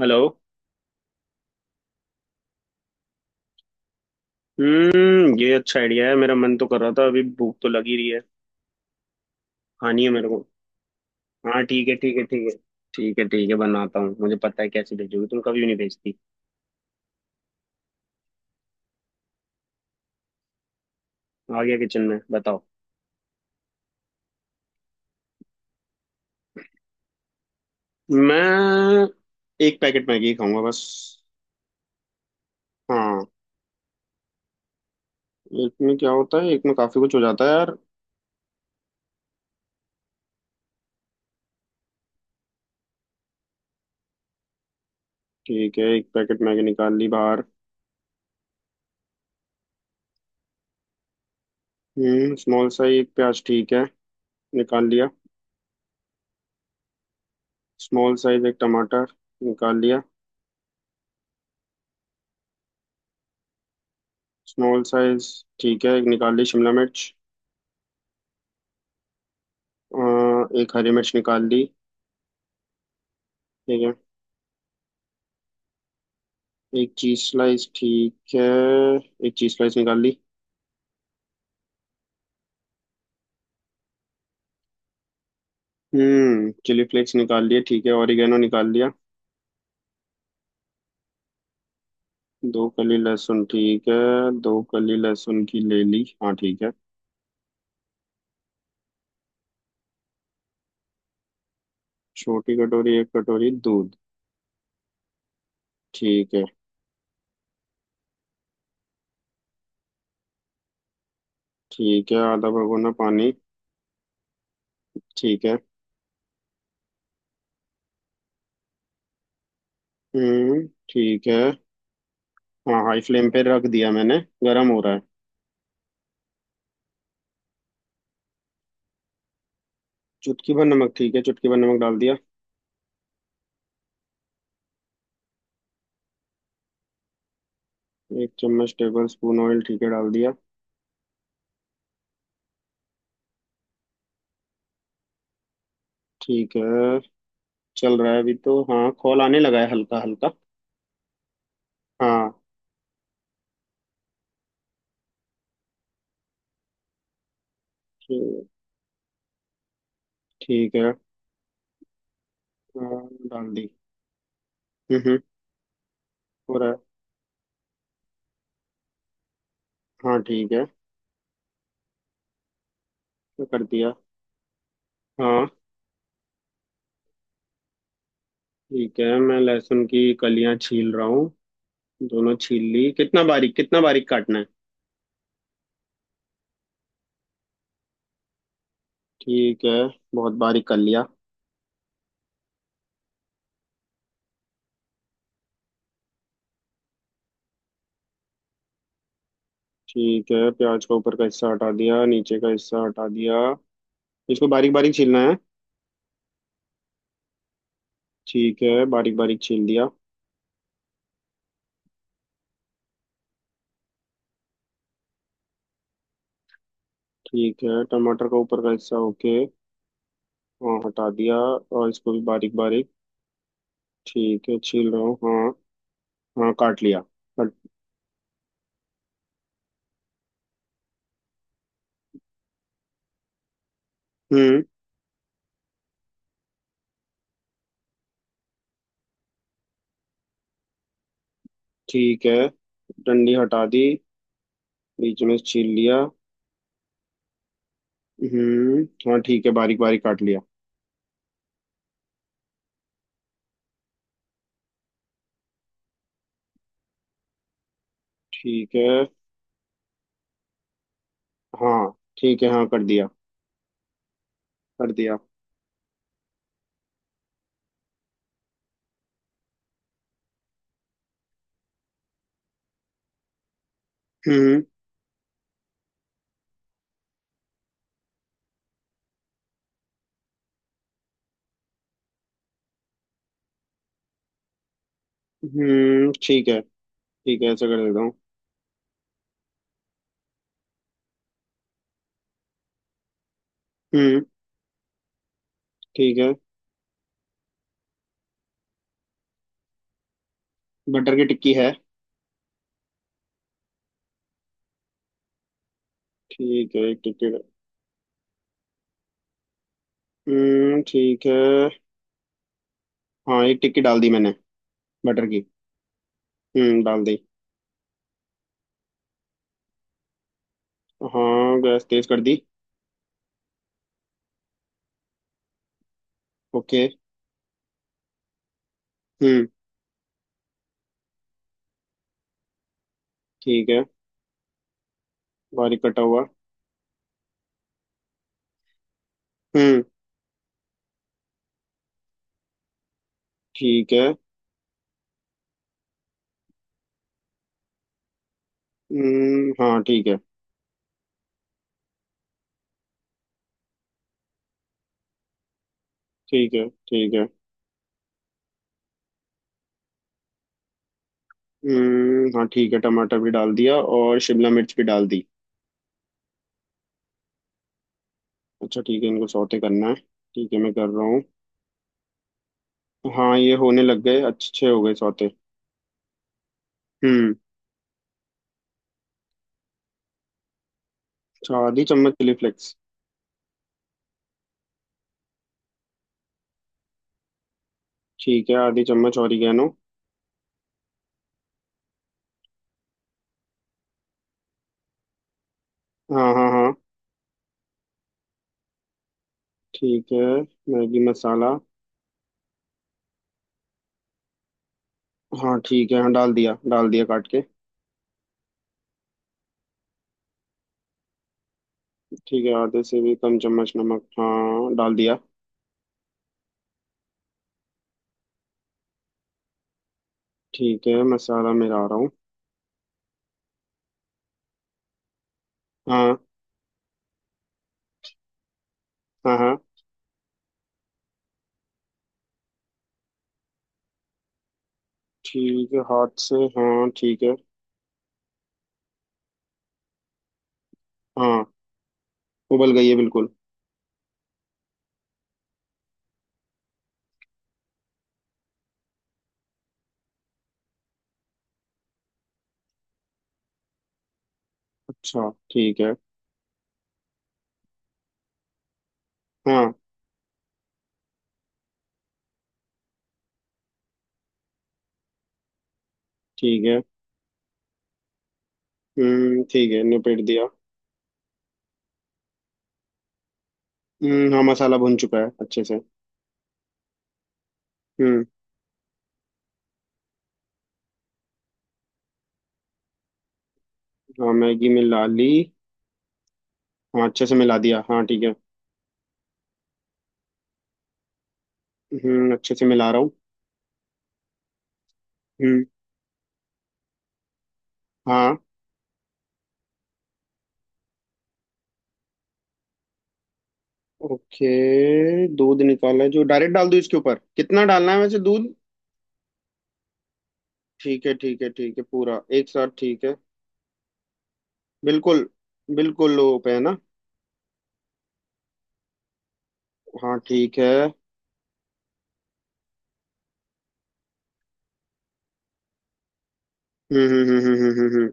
Hello. हम्म, ये अच्छा आइडिया है। मेरा मन तो कर रहा था, अभी भूख तो लगी रही है। खानी है मेरे को। हाँ, ठीक है ठीक है ठीक है। ठीक है ठीक है, बनाता हूँ। मुझे पता है, कैसे भेजोगी तुम, कभी नहीं भेजती। आ गया किचन में, बताओ। मैं एक पैकेट मैगी खाऊंगा बस। हाँ। एक में क्या होता है, एक में काफी कुछ हो जाता है यार। ठीक है, एक पैकेट मैगी निकाल ली बाहर। हम्म, स्मॉल साइज एक प्याज ठीक है। निकाल लिया। स्मॉल साइज एक टमाटर निकाल लिया। स्मॉल साइज ठीक है, एक निकाल ली शिमला मिर्च। अ, एक हरी मिर्च निकाल ली। ठीक है। एक चीज स्लाइस ठीक है। एक चीज स्लाइस निकाल ली। हम्म, चिली फ्लेक्स निकाल लिए ठीक है, ऑरिगेनो निकाल लिया। दो कली लहसुन ठीक है। दो कली लहसुन की ले ली, हाँ ठीक है। छोटी कटोरी एक कटोरी दूध ठीक है। ठीक है आधा भगोना पानी, ठीक है। ठीक है। हाँ, हाई फ्लेम पे रख दिया मैंने। गरम हो रहा है। चुटकी भर नमक ठीक है, चुटकी भर नमक डाल दिया। एक चम्मच टेबल स्पून ऑयल ठीक है, डाल दिया। ठीक है। चल रहा है अभी तो। हाँ, कॉल आने लगा है हल्का हल्का। हाँ ठीक। ठीक है। हाँ, डाल दी। हम्म, हम्म। हो रहा है। हाँ ठीक है। मैं कर दिया। हाँ ठीक है, मैं लहसुन की कलियां छील रहा हूँ। दोनों छील ली, कितना बारीक, कितना बारीक काटना है? ठीक है, बहुत बारीक कर लिया। ठीक है, प्याज का ऊपर का हिस्सा हटा दिया, नीचे का हिस्सा हटा दिया। इसको बारीक बारीक छीलना है? ठीक है, बारीक बारीक छील दिया। ठीक है, टमाटर का ऊपर का हिस्सा, ओके, हाँ, हटा दिया और इसको भी बारीक बारीक। ठीक है, छील रहा हूँ हाँ। हाँ, काट लिया। कट। हम्म। ठीक है, डंडी हटा दी। बीच में से छील लिया। हम्म। हाँ ठीक है, बारीक बारीक काट लिया। ठीक है। हाँ ठीक है, हाँ कर दिया। कर दिया। हम्म। हम्म, ठीक है। ठीक है, ऐसा कर देता हूँ। हम्म ठीक है। बटर की टिक्की है। ठीक है, एक टिक्की। ठीक है। हाँ, एक टिक्की डाल दी मैंने, बटर की। हम्म, डाल दी। हाँ, गैस तेज कर दी। ओके। हम्म ठीक है। बारीक कटा हुआ। हम्म। ठीक है। हाँ ठीक है। ठीक है ठीक है। हाँ ठीक है, टमाटर भी डाल दिया और शिमला मिर्च भी डाल दी। अच्छा ठीक है, इनको सौते करना है। ठीक है, मैं कर रहा हूँ। हाँ, ये होने लग गए, अच्छे हो गए सौते। हम्म, अच्छा, आधी चम्मच चिली फ्लेक्स। ठीक है, आधी चम्मच ऑरिगेनो। हाँ हाँ हाँ। ठीक है, मैगी मसाला। हाँ ठीक है, हाँ डाल दिया, डाल दिया काट के। ठीक है, आधे से भी कम चम्मच नमक, हाँ डाल दिया। ठीक है, मसाला मेरा आ रहा हूँ। हाँ हाँ हाँ। ठीक है, हाथ से हाँ ठीक है। हाँ, उबल गई है बिल्कुल। अच्छा ठीक है। हाँ ठीक है। ठीक है, निपेट दिया। हाँ, मसाला भुन चुका है अच्छे से। हम्म हाँ, मैगी मिला ली। हाँ, अच्छे से मिला दिया, हाँ ठीक है। हम्म, अच्छे से मिला रहा हूँ। हम्म। हाँ, ओके। दूध निकाला है जो डायरेक्ट डाल दूँ इसके ऊपर, कितना डालना है वैसे दूध? ठीक है ठीक है ठीक है, पूरा एक साथ ठीक है। बिल्कुल। बिल्कुल लो पे है ना। हाँ ठीक है। हम्म हम्म हम्म हम्म हम्म हम्म, हम्म।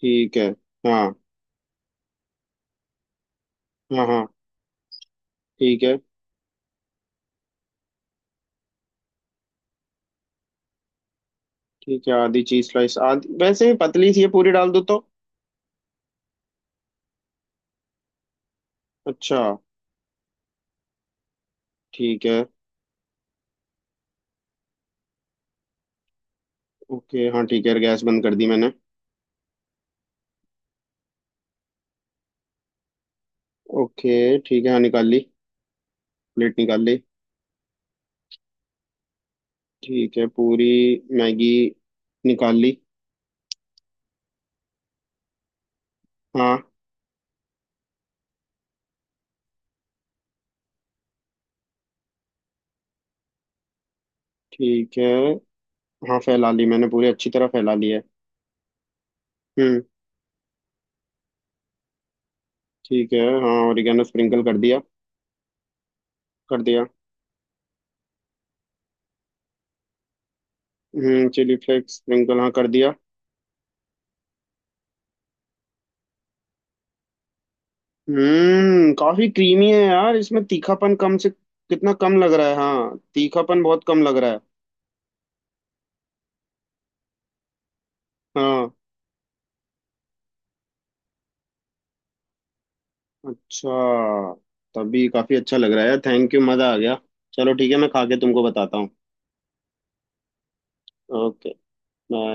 ठीक है। हाँ हाँ हाँ। ठीक है। ठीक है आधी चीज स्लाइस, आधी वैसे ही पतली सी है, पूरी डाल दो तो। अच्छा ठीक है। ओके हाँ ठीक है, गैस बंद कर दी मैंने। ओके ठीक है, हाँ निकाल ली, प्लेट निकाल ली। ठीक है, पूरी मैगी निकाल ली। हाँ ठीक है। हाँ, फैला ली मैंने पूरी, अच्छी तरह फैला ली है। हम्म ठीक है। हाँ, ओरिगेनो स्प्रिंकल कर दिया। कर दिया। हम्म, चिली फ्लेक्स स्प्रिंकल हाँ कर दिया। हम्म, काफी क्रीमी है यार, इसमें तीखापन कम से कितना कम लग रहा है, हाँ तीखापन बहुत कम लग रहा है। हाँ। अच्छा, तभी काफी अच्छा लग रहा है। थैंक यू, मजा आ गया। चलो ठीक है, मैं खा के तुमको बताता हूँ। Okay, bye.